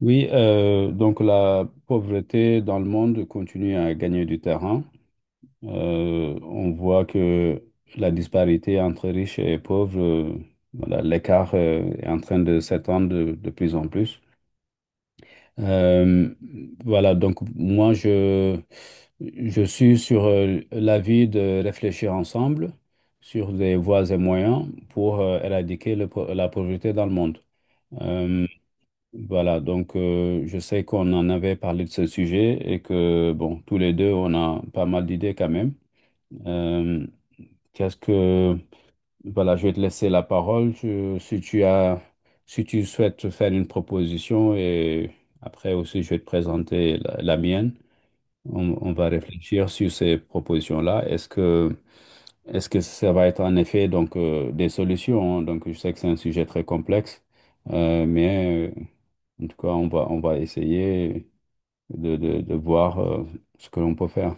Oui, donc la pauvreté dans le monde continue à gagner du terrain. On voit que la disparité entre riches et pauvres, voilà, l'écart, est en train de s'étendre de plus en plus. Euh, voilà, donc je suis sur l'avis de réfléchir ensemble sur des voies et moyens pour éradiquer la pauvreté dans le monde. Euh, voilà, donc je sais qu'on en avait parlé de ce sujet et que, bon, tous les deux, on a pas mal d'idées quand même. Euh, qu'est-ce que, voilà, je vais te laisser la parole. Si tu as, si tu souhaites faire une proposition et après aussi, je vais te présenter la mienne. On va réfléchir sur ces propositions-là. Est-ce que ça va être en effet donc des solutions, hein? Donc, je sais que c'est un sujet très complexe, mais en tout cas, on va essayer de voir ce que l'on peut faire.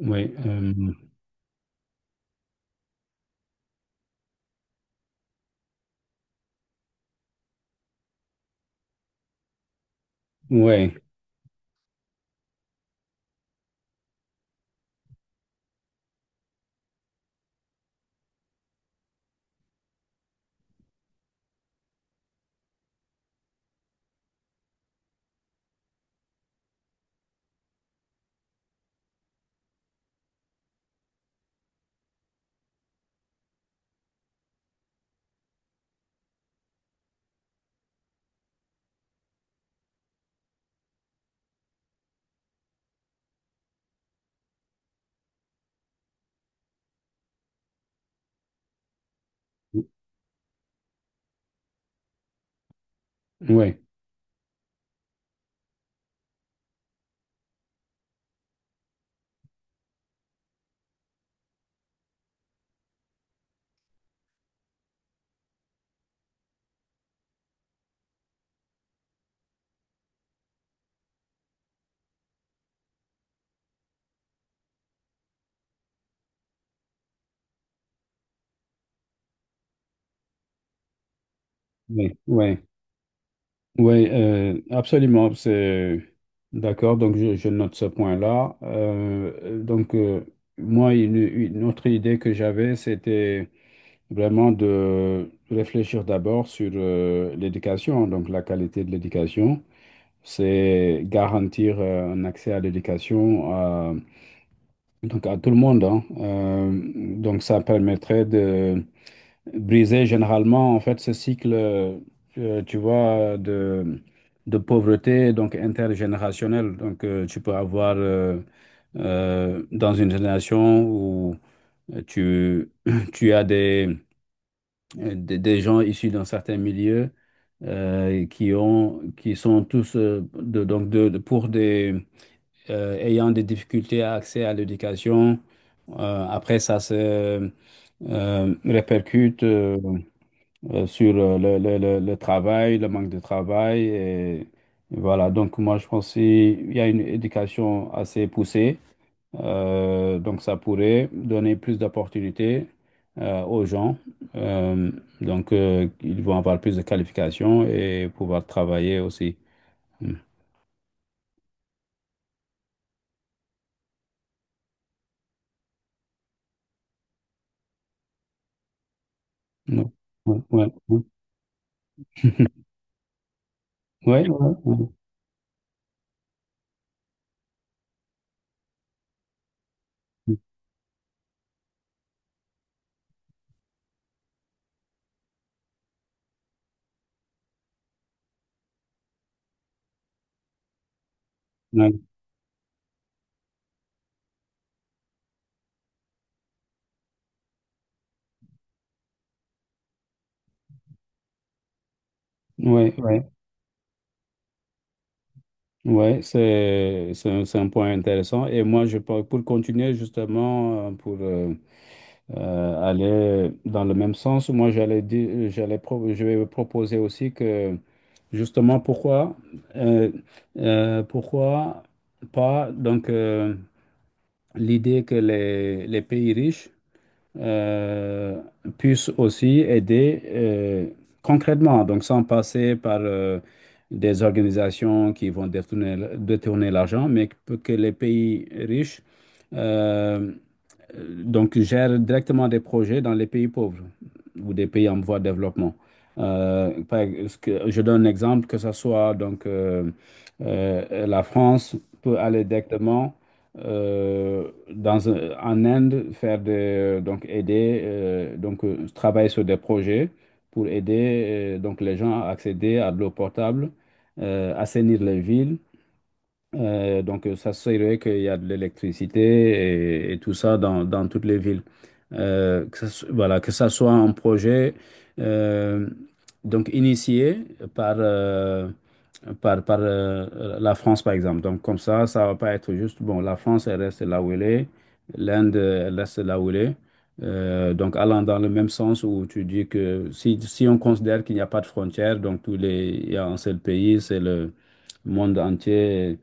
Oui, ouais, ouais, ouais, ouais, ouais, absolument, c'est d'accord. Donc je note ce point-là. Moi, une autre idée que j'avais, c'était vraiment de réfléchir d'abord sur l'éducation, donc la qualité de l'éducation. C'est garantir un accès à l'éducation à donc à tout le monde, hein. Donc ça permettrait de briser généralement en fait ce cycle, tu vois, de pauvreté donc intergénérationnelle. Donc tu peux avoir dans une génération où tu, tu as des gens issus d'un certain milieu qui ont qui sont tous de, donc de- pour des ayant des difficultés à accès à l'éducation après, ça se répercute sur le travail, le manque de travail. Et voilà, donc moi, je pense qu'il y a une éducation assez poussée. Donc, ça pourrait donner plus d'opportunités aux gens. Euh, donc, ils vont avoir plus de qualifications et pouvoir travailler aussi. Mm. Ouais, ouais, ouais. Ouais, ouais, ouais. Ouais, ouais, ouais, c'est c'est un point intéressant. Et moi, pour continuer justement, pour aller dans le même sens, moi, j'allais dire, je vais proposer aussi que justement, pourquoi, euh, pourquoi pas donc l'idée que les pays riches euh, puisse aussi aider concrètement, donc sans passer par des organisations qui vont détourner l'argent, mais que les pays riches euh, donc, gère directement des projets dans les pays pauvres ou des pays en voie de développement. Je donne un exemple, que ce soit donc la France peut aller directement euh, en Inde faire des, donc aider travailler sur des projets pour aider donc les gens à accéder à de l'eau potable, assainir les villes ça serait qu'il y a de l'électricité et tout ça dans toutes les villes. Voilà, que ça soit un projet euh, donc initié par, par, par la France, par exemple. Donc, comme ça va pas être juste, bon, la France, elle reste là où elle est, l'Inde, elle reste là où elle est. Donc, allant dans le même sens où tu dis que si on considère qu'il n'y a pas de frontières, donc tous les, il y a un seul pays, c'est le monde entier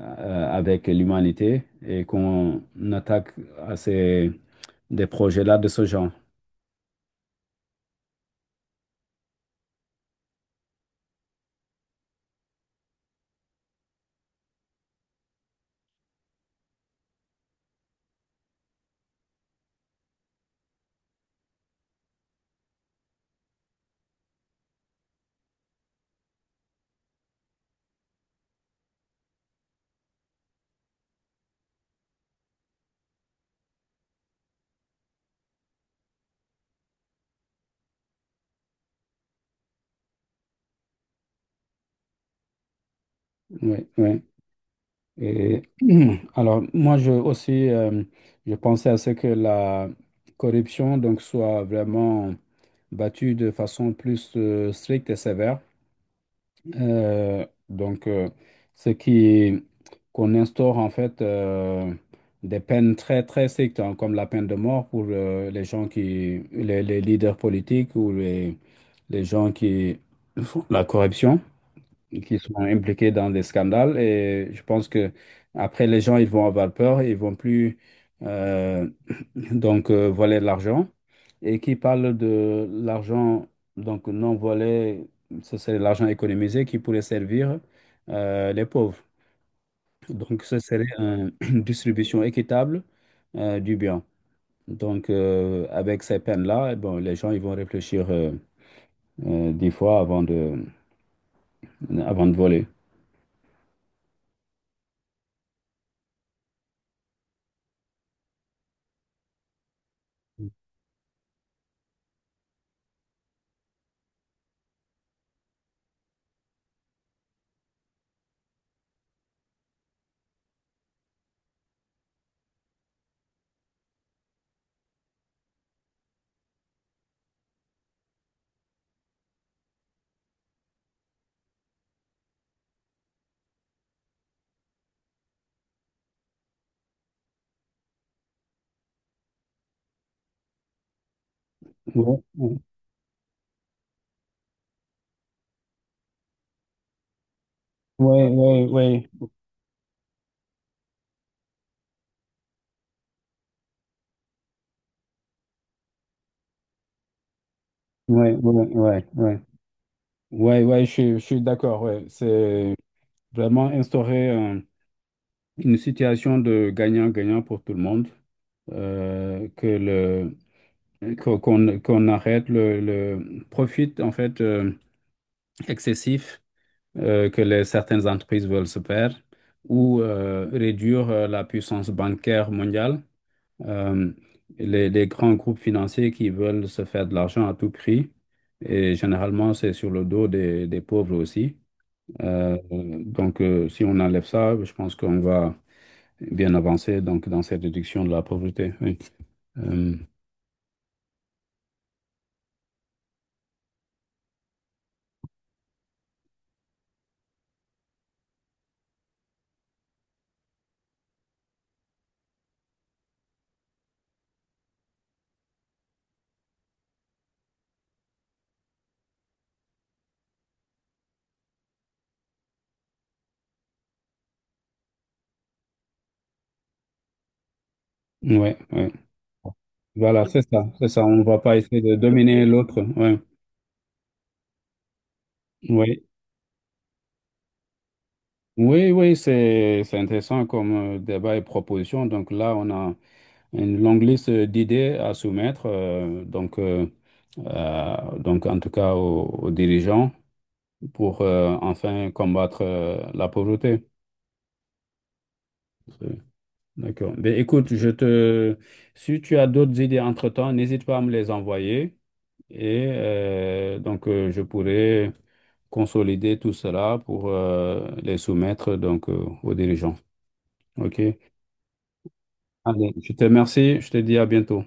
avec l'humanité et qu'on attaque à ces, des projets-là de ce genre. Oui, oui. Et, alors, moi, je pensais à ce que la corruption donc, soit vraiment battue de façon plus stricte et sévère. Donc, ce qui Qu'on instaure en fait des peines très très strictes, hein, comme la peine de mort pour les gens qui, les leaders politiques ou les gens qui font la corruption, qui sont impliqués dans des scandales. Et je pense que après les gens ils vont avoir peur, ils vont plus euh, volet de l'argent, et qui parle de l'argent, donc non volet, ce serait l'argent économisé qui pourrait servir les pauvres. Donc ce serait une distribution équitable du bien. Donc avec ces peines-là, eh bon, les gens ils vont réfléchir 10 fois avant de voler. Ouais, ouais, ouais, ouais, ouais, ouais, ouais, ouais, ouais, ouais, je suis d'accord, ouais. C'est vraiment instaurer une situation de gagnant-gagnant pour tout le monde, que le, qu'o- qu'on, qu'on arrête le profit en fait excessif certaines entreprises veulent se faire ou réduire la puissance bancaire mondiale. Euh, les grands groupes financiers qui veulent se faire de l'argent à tout prix, et généralement c'est sur le dos des pauvres aussi. Donc si on enlève ça, je pense qu'on va bien avancé donc dans cette réduction de la pauvreté. Oui. Euh, ouais, ouais. Voilà, c'est ça, c'est ça. On ne va pas essayer de dominer l'autre. Ouais. Oui, oui, oui, c'est intéressant comme débat et proposition. Donc là, on a une longue liste d'idées à soumettre. Donc, donc, en tout cas, aux dirigeants pour enfin combattre la pauvreté. C'est- D'accord. Ben, écoute, je te... si tu as d'autres idées entre-temps, n'hésite pas à me les envoyer. Et je pourrais consolider tout cela pour les soumettre donc, aux dirigeants. OK? Allez, je te remercie. Je te dis à bientôt.